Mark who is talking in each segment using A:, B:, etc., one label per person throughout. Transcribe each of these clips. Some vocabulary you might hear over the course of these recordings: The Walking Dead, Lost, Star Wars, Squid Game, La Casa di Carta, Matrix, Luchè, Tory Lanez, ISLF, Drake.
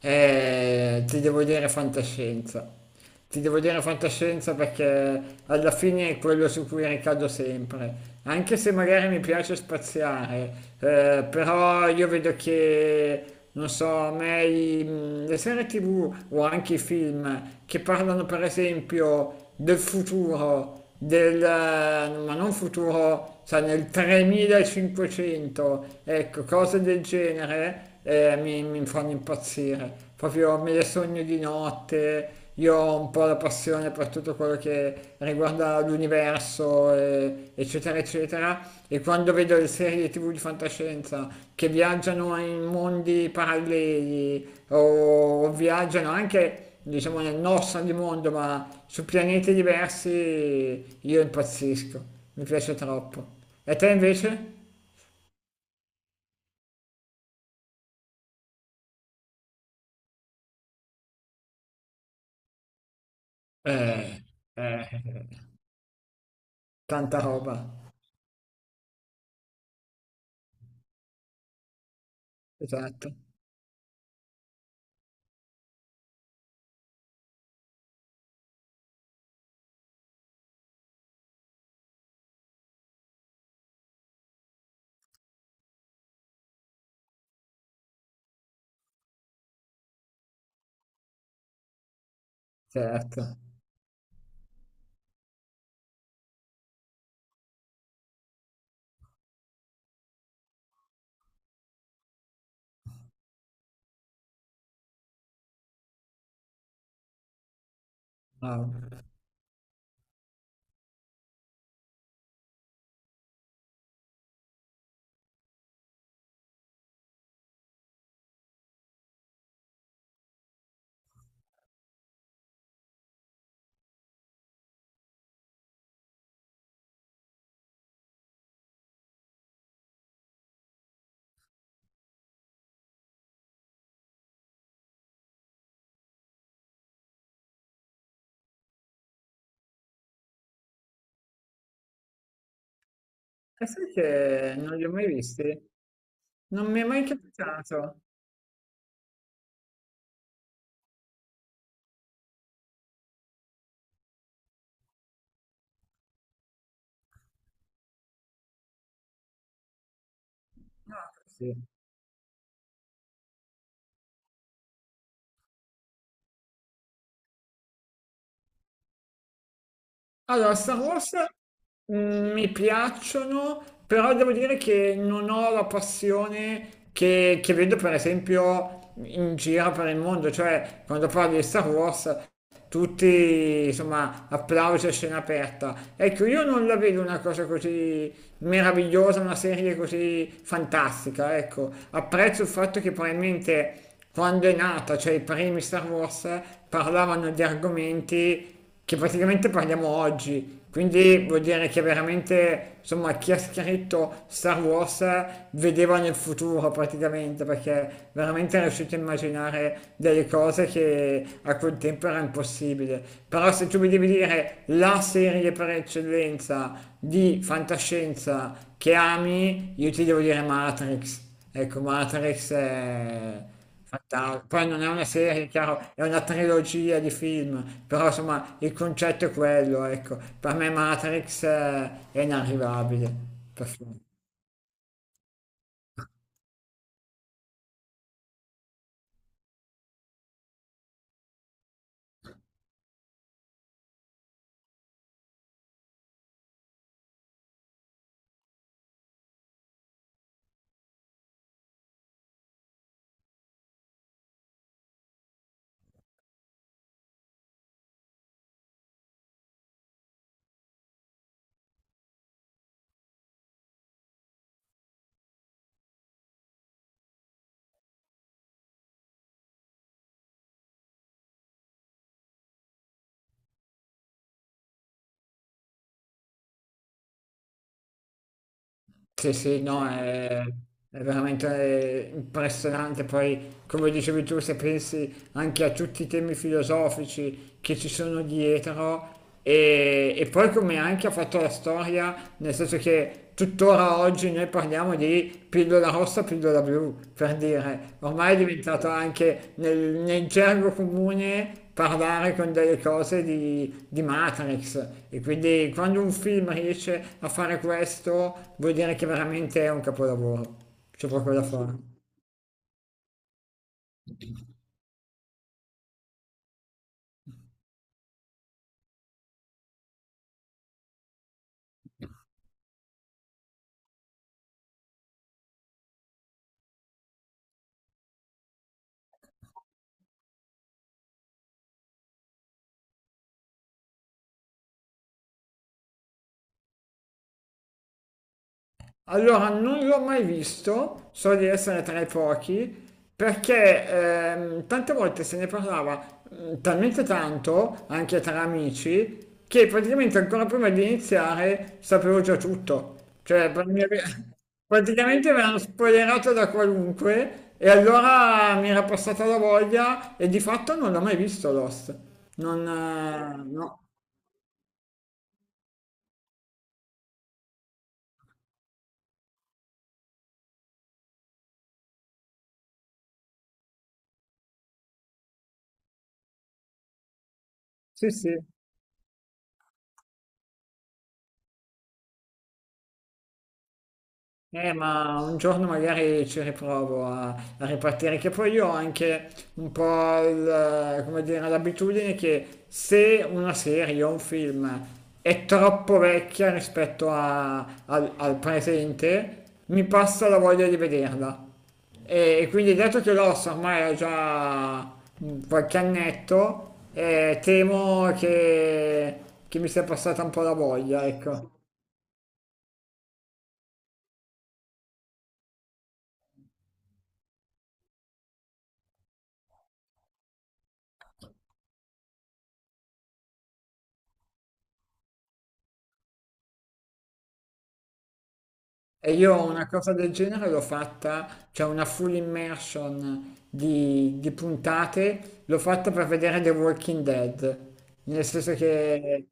A: Ti devo dire fantascienza. Ti devo dire fantascienza perché alla fine è quello su cui ricado sempre. Anche se magari mi piace spaziare, però io vedo che, non so, a me le serie TV o anche i film che parlano per esempio del futuro del, ma non futuro, cioè nel 3500, ecco, cose del genere mi fanno impazzire, proprio me le sogno di notte. Io ho un po' la passione per tutto quello che riguarda l'universo, eccetera, eccetera, e quando vedo le serie TV di fantascienza che viaggiano in mondi paralleli o viaggiano anche diciamo nel nostro di mondo, ma su pianeti diversi io impazzisco, mi piace troppo. E te invece? Eh, eh, tanta roba, esatto, certo. Ah. E sai che non li ho mai visti? Non mi è mai capitato. No, sì. Allora, Star Wars mm, mi piacciono, però devo dire che non ho la passione che vedo per esempio in giro per il mondo, cioè quando parli di Star Wars tutti insomma applausi a scena aperta. Ecco, io non la vedo una cosa così meravigliosa, una serie così fantastica, ecco. Apprezzo il fatto che probabilmente quando è nata, cioè i primi Star Wars, parlavano di argomenti che praticamente parliamo oggi. Quindi vuol dire che veramente, insomma, chi ha scritto Star Wars vedeva nel futuro praticamente, perché veramente è riuscito a immaginare delle cose che a quel tempo era impossibile. Però se tu mi devi dire la serie per eccellenza di fantascienza che ami, io ti devo dire Matrix. Ecco, Matrix è poi non è una serie, chiaro, è una trilogia di film, però insomma il concetto è quello, ecco. Per me Matrix è inarrivabile. Per favore. Sì, sì, no, è veramente impressionante. Poi, come dicevi tu, se pensi anche a tutti i temi filosofici che ci sono dietro e poi come anche ha fatto la storia, nel senso che tuttora oggi noi parliamo di pillola rossa, pillola blu, per dire, ormai è diventato anche nel gergo comune parlare con delle cose di Matrix e quindi quando un film riesce a fare questo vuol dire che veramente è un capolavoro, c'è proprio da fare. Allora, non l'ho mai visto, so di essere tra i pochi, perché tante volte se ne parlava mm, talmente tanto, anche tra amici, che praticamente ancora prima di iniziare sapevo già tutto. Cioè, praticamente mi hanno spoilerato da qualunque e allora mi era passata la voglia e di fatto non l'ho mai visto Lost. Non... no. Sì, sì. Ma un giorno magari ci riprovo a ripartire, che poi io ho anche un po' il, come dire, l'abitudine che se una serie o un film è troppo vecchia rispetto al presente, mi passa la voglia di vederla. E quindi dato che l'Ossa ormai ha già qualche annetto, temo che mi sia passata un po' la voglia, ecco. E io una cosa del genere l'ho fatta, cioè una full immersion di puntate, l'ho fatta per vedere The Walking Dead, nel senso che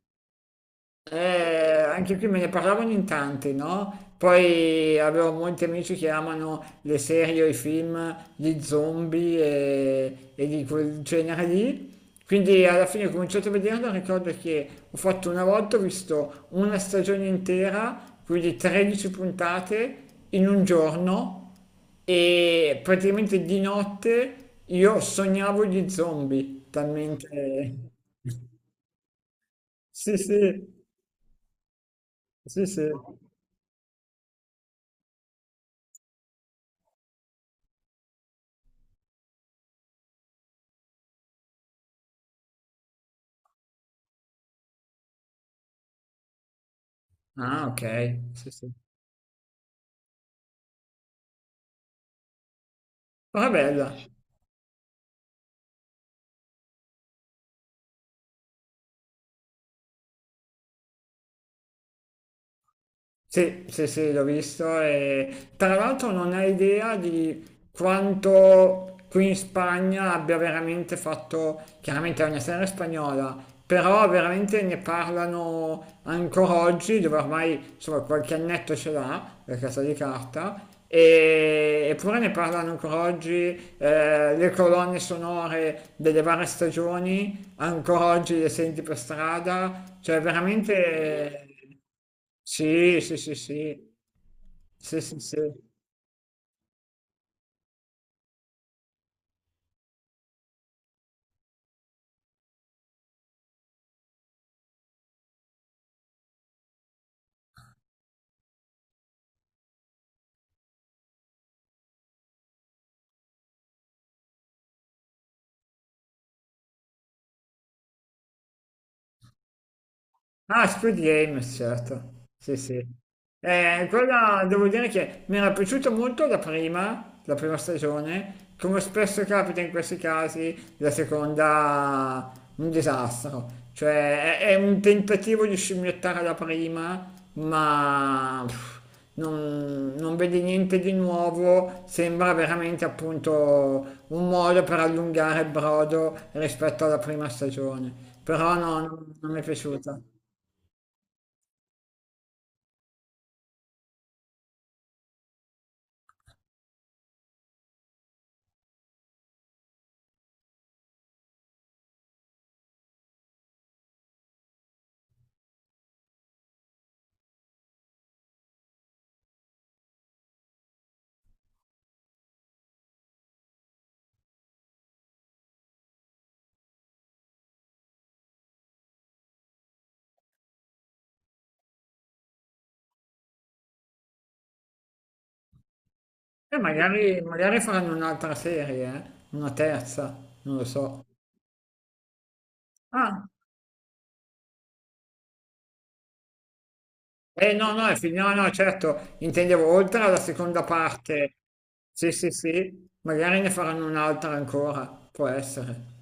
A: anche qui me ne parlavano in tanti, no? Poi avevo molti amici che amano le serie o i film di zombie e di quel genere lì. Quindi alla fine ho cominciato a vederlo, ricordo che ho fatto una volta, ho visto una stagione intera, quindi 13 puntate in un giorno e praticamente di notte io sognavo gli zombie, talmente... Sì, sì, sì, sì. Ah, ok. Sì, sì. Ah, bella. Sì, sì, sì, l'ho visto e tra l'altro non hai idea di quanto qui in Spagna abbia veramente fatto, chiaramente è una serie spagnola, però veramente ne parlano ancora oggi, dove ormai insomma qualche annetto ce l'ha, la casa di carta, eppure ne parlano ancora oggi, le colonne sonore delle varie stagioni, ancora oggi le senti per strada, cioè veramente... Sì, sì, sì, sì. Sì, sì, sì. Ah, Squid Game, certo. Sì, sì. Quella devo dire che mi era piaciuta molto la prima stagione. Come spesso capita in questi casi, la seconda un disastro. Cioè, è un tentativo di scimmiottare la prima, ma pff, non vedi niente di nuovo. Sembra veramente appunto un modo per allungare il brodo rispetto alla prima stagione. Però no, non mi è piaciuta. E magari, magari faranno un'altra serie, eh? Una terza, non lo so. Ah, eh no, no, no, no, certo, intendevo oltre alla seconda parte. Sì, sì, sì, magari ne faranno un'altra ancora, può essere.